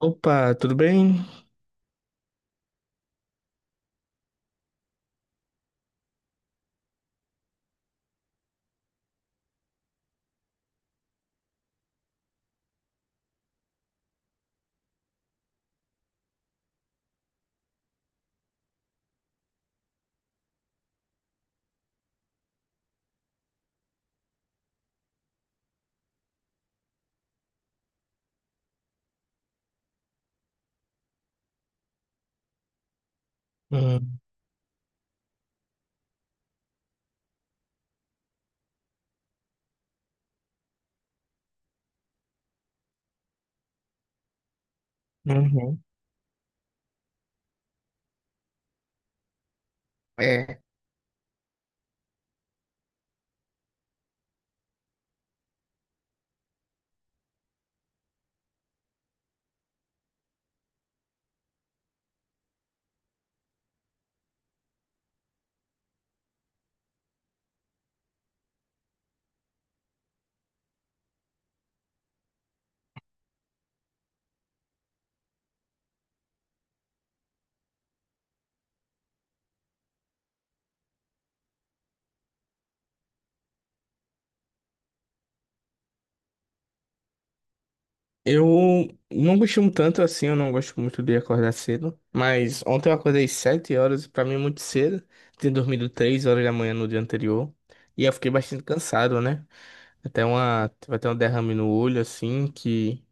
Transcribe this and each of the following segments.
Opa, tudo bem? Hum, uhum. É, eu não costumo tanto assim, eu não gosto muito de acordar cedo, mas ontem eu acordei 7 horas, pra mim é muito cedo, tinha dormido 3 horas da manhã no dia anterior, e eu fiquei bastante cansado, né? Até tive até um derrame no olho, assim, que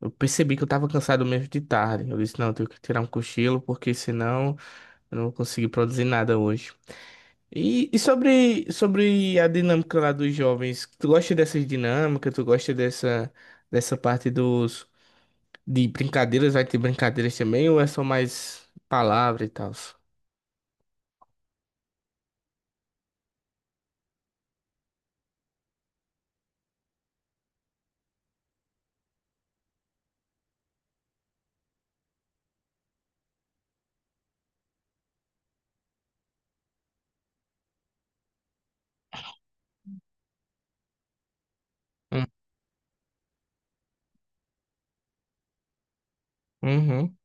eu percebi que eu tava cansado mesmo de tarde. Eu disse, não, eu tenho que tirar um cochilo, porque senão eu não vou conseguir produzir nada hoje. E sobre a dinâmica lá dos jovens, tu gosta dessas dinâmicas, tu gosta dessa parte de brincadeiras, vai ter brincadeiras também, ou é só mais palavra e tal? Hum, Uhum,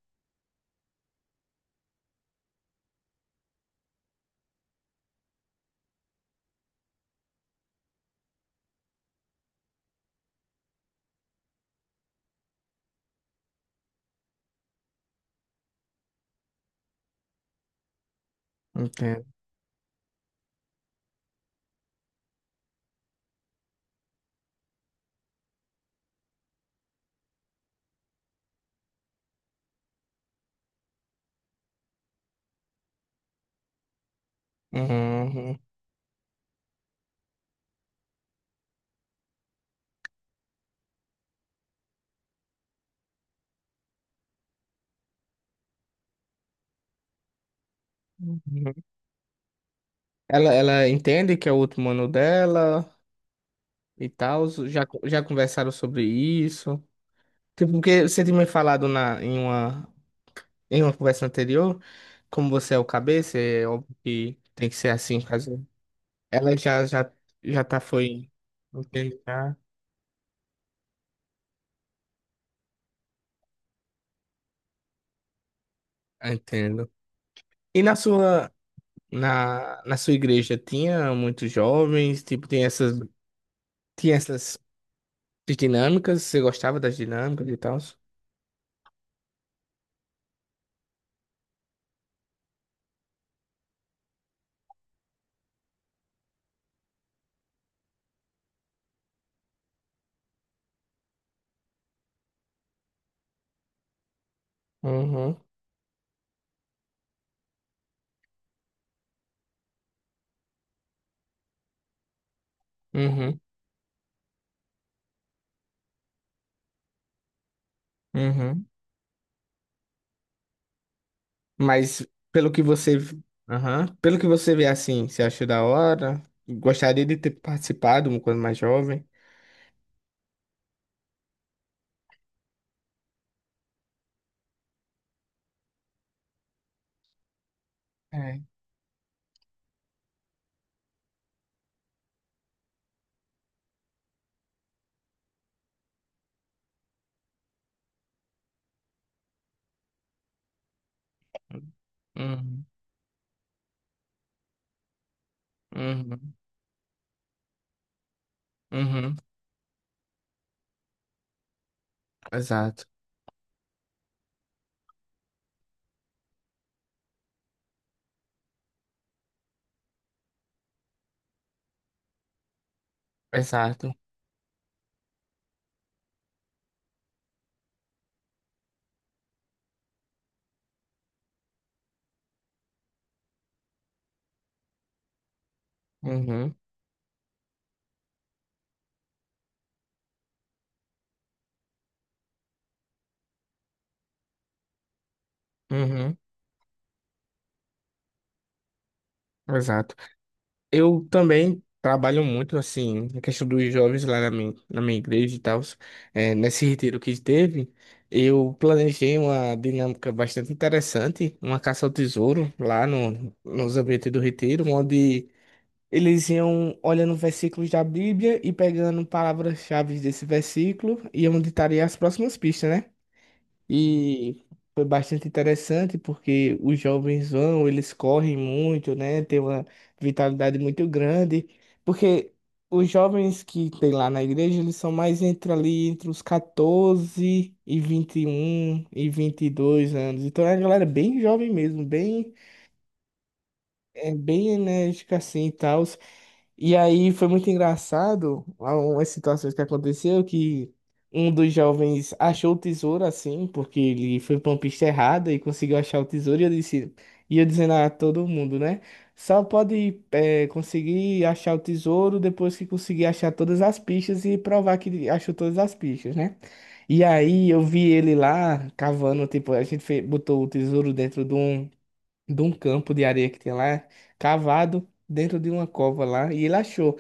entendo. Uhum, uhum. Uhum. Ela entende que é o último ano dela e tal, já conversaram sobre isso. Tipo, porque você tinha me falado em uma conversa anterior, como você é o cabeça, é óbvio que tem que ser assim. Ela já já já tá foi entende já entendo. E na sua igreja tinha muitos jovens, tipo, tem essas tinha essas dinâmicas, você gostava das dinâmicas e tal? Uhum, uhum, uhum. Mas pelo que você, aham, Pelo que você vê assim, você achou da hora? Gostaria de ter participado quando mais jovem? É. Uhum, uhum, uhum. Exato, exato. Uhum, uhum. Exato. Eu também trabalho muito, assim, na questão dos jovens lá na minha, igreja e tal. É, nesse retiro que teve, eu planejei uma dinâmica bastante interessante, uma caça ao tesouro lá no, nos ambientes do retiro, onde eles iam olhando versículos da Bíblia e pegando palavras-chave desse versículo e onde estaria as próximas pistas, né? E foi bastante interessante porque os jovens vão, eles correm muito, né? Tem uma vitalidade muito grande, porque os jovens que tem lá na igreja, eles são mais entre os 14 e 21 e 22 anos. Então é uma galera bem jovem mesmo, bem enérgica assim, e tal. E aí foi muito engraçado algumas situações que aconteceu que um dos jovens achou o tesouro assim, porque ele foi pra uma pista errada e conseguiu achar o tesouro e eu dizendo a todo mundo, né? Só pode conseguir achar o tesouro depois que conseguir achar todas as pistas e provar que ele achou todas as pistas, né? E aí eu vi ele lá cavando, tipo, a gente botou o tesouro dentro de um campo de areia que tinha lá, cavado dentro de uma cova lá, e ele achou.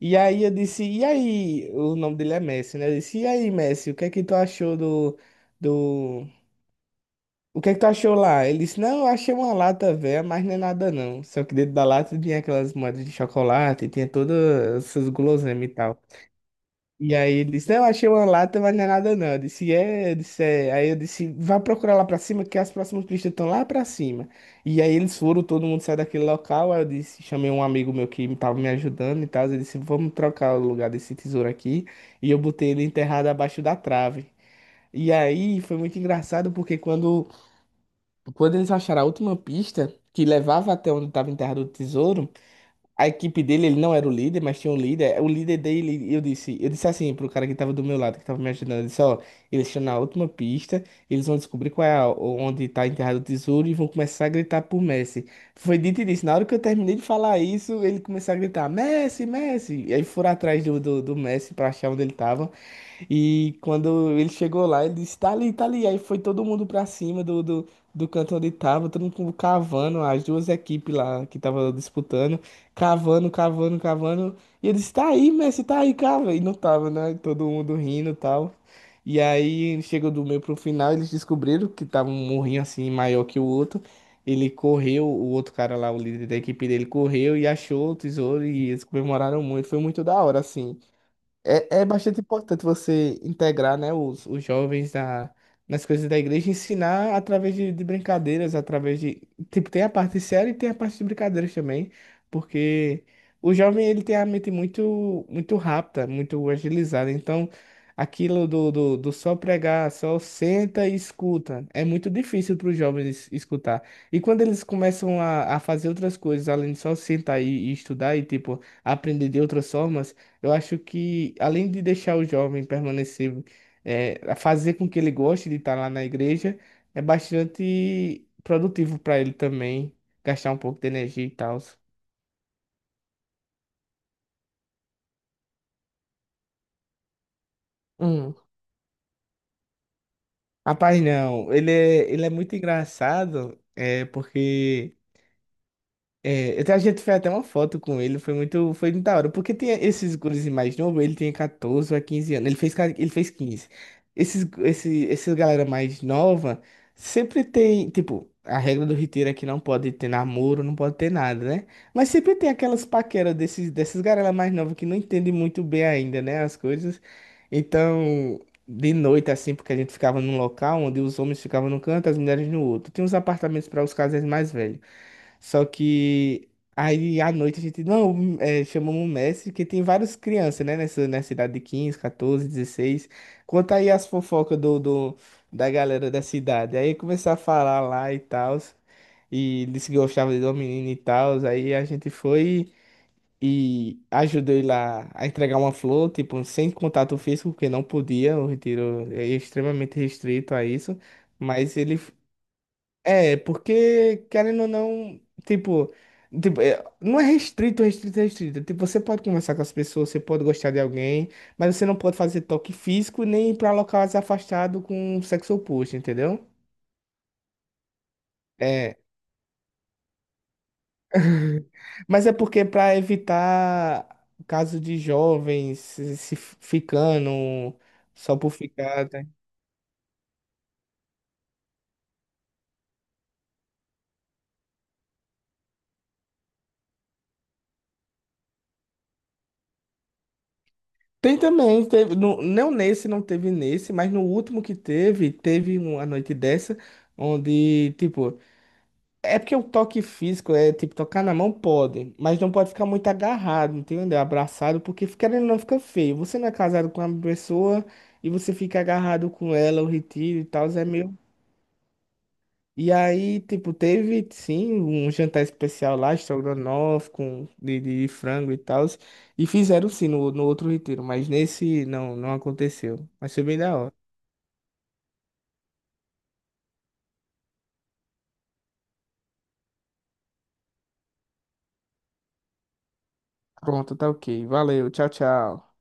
E aí eu disse, e aí, o nome dele é Messi, né? Eu disse, e aí, Messi, o que é que tu achou do. O que é que tu achou lá? Ele disse, não, eu achei uma lata velha, mas não é nada não. Só que dentro da lata tinha aquelas moedas de chocolate, tinha todas essas guloseimas e tal. E aí ele disse, não, achei uma lata, mas não é nada não. Eu disse, é, eu disse, é. Aí eu disse, vá procurar lá pra cima, que as próximas pistas estão lá pra cima. E aí eles foram, todo mundo saiu daquele local. Aí eu disse, chamei um amigo meu que tava me ajudando e tal. Ele disse, vamos trocar o lugar desse tesouro aqui. E eu botei ele enterrado abaixo da trave. E aí foi muito engraçado, porque quando eles acharam a última pista, que levava até onde estava enterrado o tesouro, a equipe dele, ele não era o líder, mas tinha um líder. O líder dele, eu disse assim pro cara que tava do meu lado, que tava me ajudando, eu disse, ó, eles estão na última pista, eles vão descobrir qual é onde tá enterrado o tesouro e vão começar a gritar por Messi. Foi dito e disse, na hora que eu terminei de falar isso, ele começou a gritar, Messi, Messi! E aí foram atrás do Messi pra achar onde ele tava. E quando ele chegou lá, ele disse: tá ali, tá ali. Aí foi todo mundo pra cima do canto onde tava, todo mundo cavando, as duas equipes lá que tava disputando, cavando, cavando, cavando. E ele disse: tá aí, Messi, tá aí, cava. E não tava, né? Todo mundo rindo e tal. E aí chegou do meio pro final, eles descobriram que tava um morrinho assim maior que o outro. Ele correu, o outro cara lá, o líder da equipe dele, correu e achou o tesouro e eles comemoraram muito. Foi muito da hora, assim. É bastante importante você integrar, né, os jovens nas coisas da igreja, ensinar através de brincadeiras, através de. Tipo, tem a parte séria e tem a parte de brincadeiras também, porque o jovem, ele tem a mente muito, muito rápida, muito agilizada, então aquilo do só pregar, só senta e escuta, é muito difícil para os jovens escutar. E quando eles começam a fazer outras coisas, além de só sentar e estudar e, tipo, aprender de outras formas, eu acho que, além de deixar o jovem permanecer, é, fazer com que ele goste de estar lá na igreja, é bastante produtivo para ele também, gastar um pouco de energia e tal. Hum. Rapaz, não, ele é, muito engraçado, é porque. É, até a gente fez até uma foto com ele, foi muito da hora, porque tem esses gurus mais novos, ele tem 14 a 15 anos, ele fez 15. Essa galera mais nova sempre tem, tipo, a regra do Riteiro é que não pode ter namoro, não pode ter nada, né? Mas sempre tem aquelas paqueras dessas galera mais nova que não entendem muito bem ainda, né, as coisas. Então, de noite, assim, porque a gente ficava num local onde os homens ficavam num canto, as mulheres no outro. Tinha uns apartamentos para os casais mais velhos. Só que aí à noite a gente, não, chamamos o mestre, que tem várias crianças, né, nessa idade de 15 14, 16. Conta aí as fofocas da galera da cidade. Aí começou a falar lá e tal, e disse que gostava de uma menina e tal. Aí a gente foi e ajudou ele lá a entregar uma flor, tipo, sem contato físico, porque não podia, o retiro é extremamente restrito a isso. Mas ele é, porque, querendo ou não, tipo, é, não é restrito, restrito, restrito. Tipo, você pode conversar com as pessoas, você pode gostar de alguém, mas você não pode fazer toque físico nem ir pra locais afastados com o sexo oposto, entendeu? É, mas é porque pra evitar caso de jovens se ficando só por ficar, tá? Tem também, teve, não nesse, não teve nesse, mas no último que teve, teve uma noite dessa, onde, tipo, é porque o toque físico é tipo tocar na mão pode, mas não pode ficar muito agarrado, entendeu? Abraçado, porque querendo ou não fica feio. Você não é casado com uma pessoa e você fica agarrado com ela, o retiro e tal, é meio. E aí, tipo, teve sim um jantar especial lá, estrogonofe de frango e tal, e fizeram sim no outro retiro, mas nesse não, não aconteceu. Mas foi bem da hora. Pronto, tá ok. Valeu, tchau, tchau.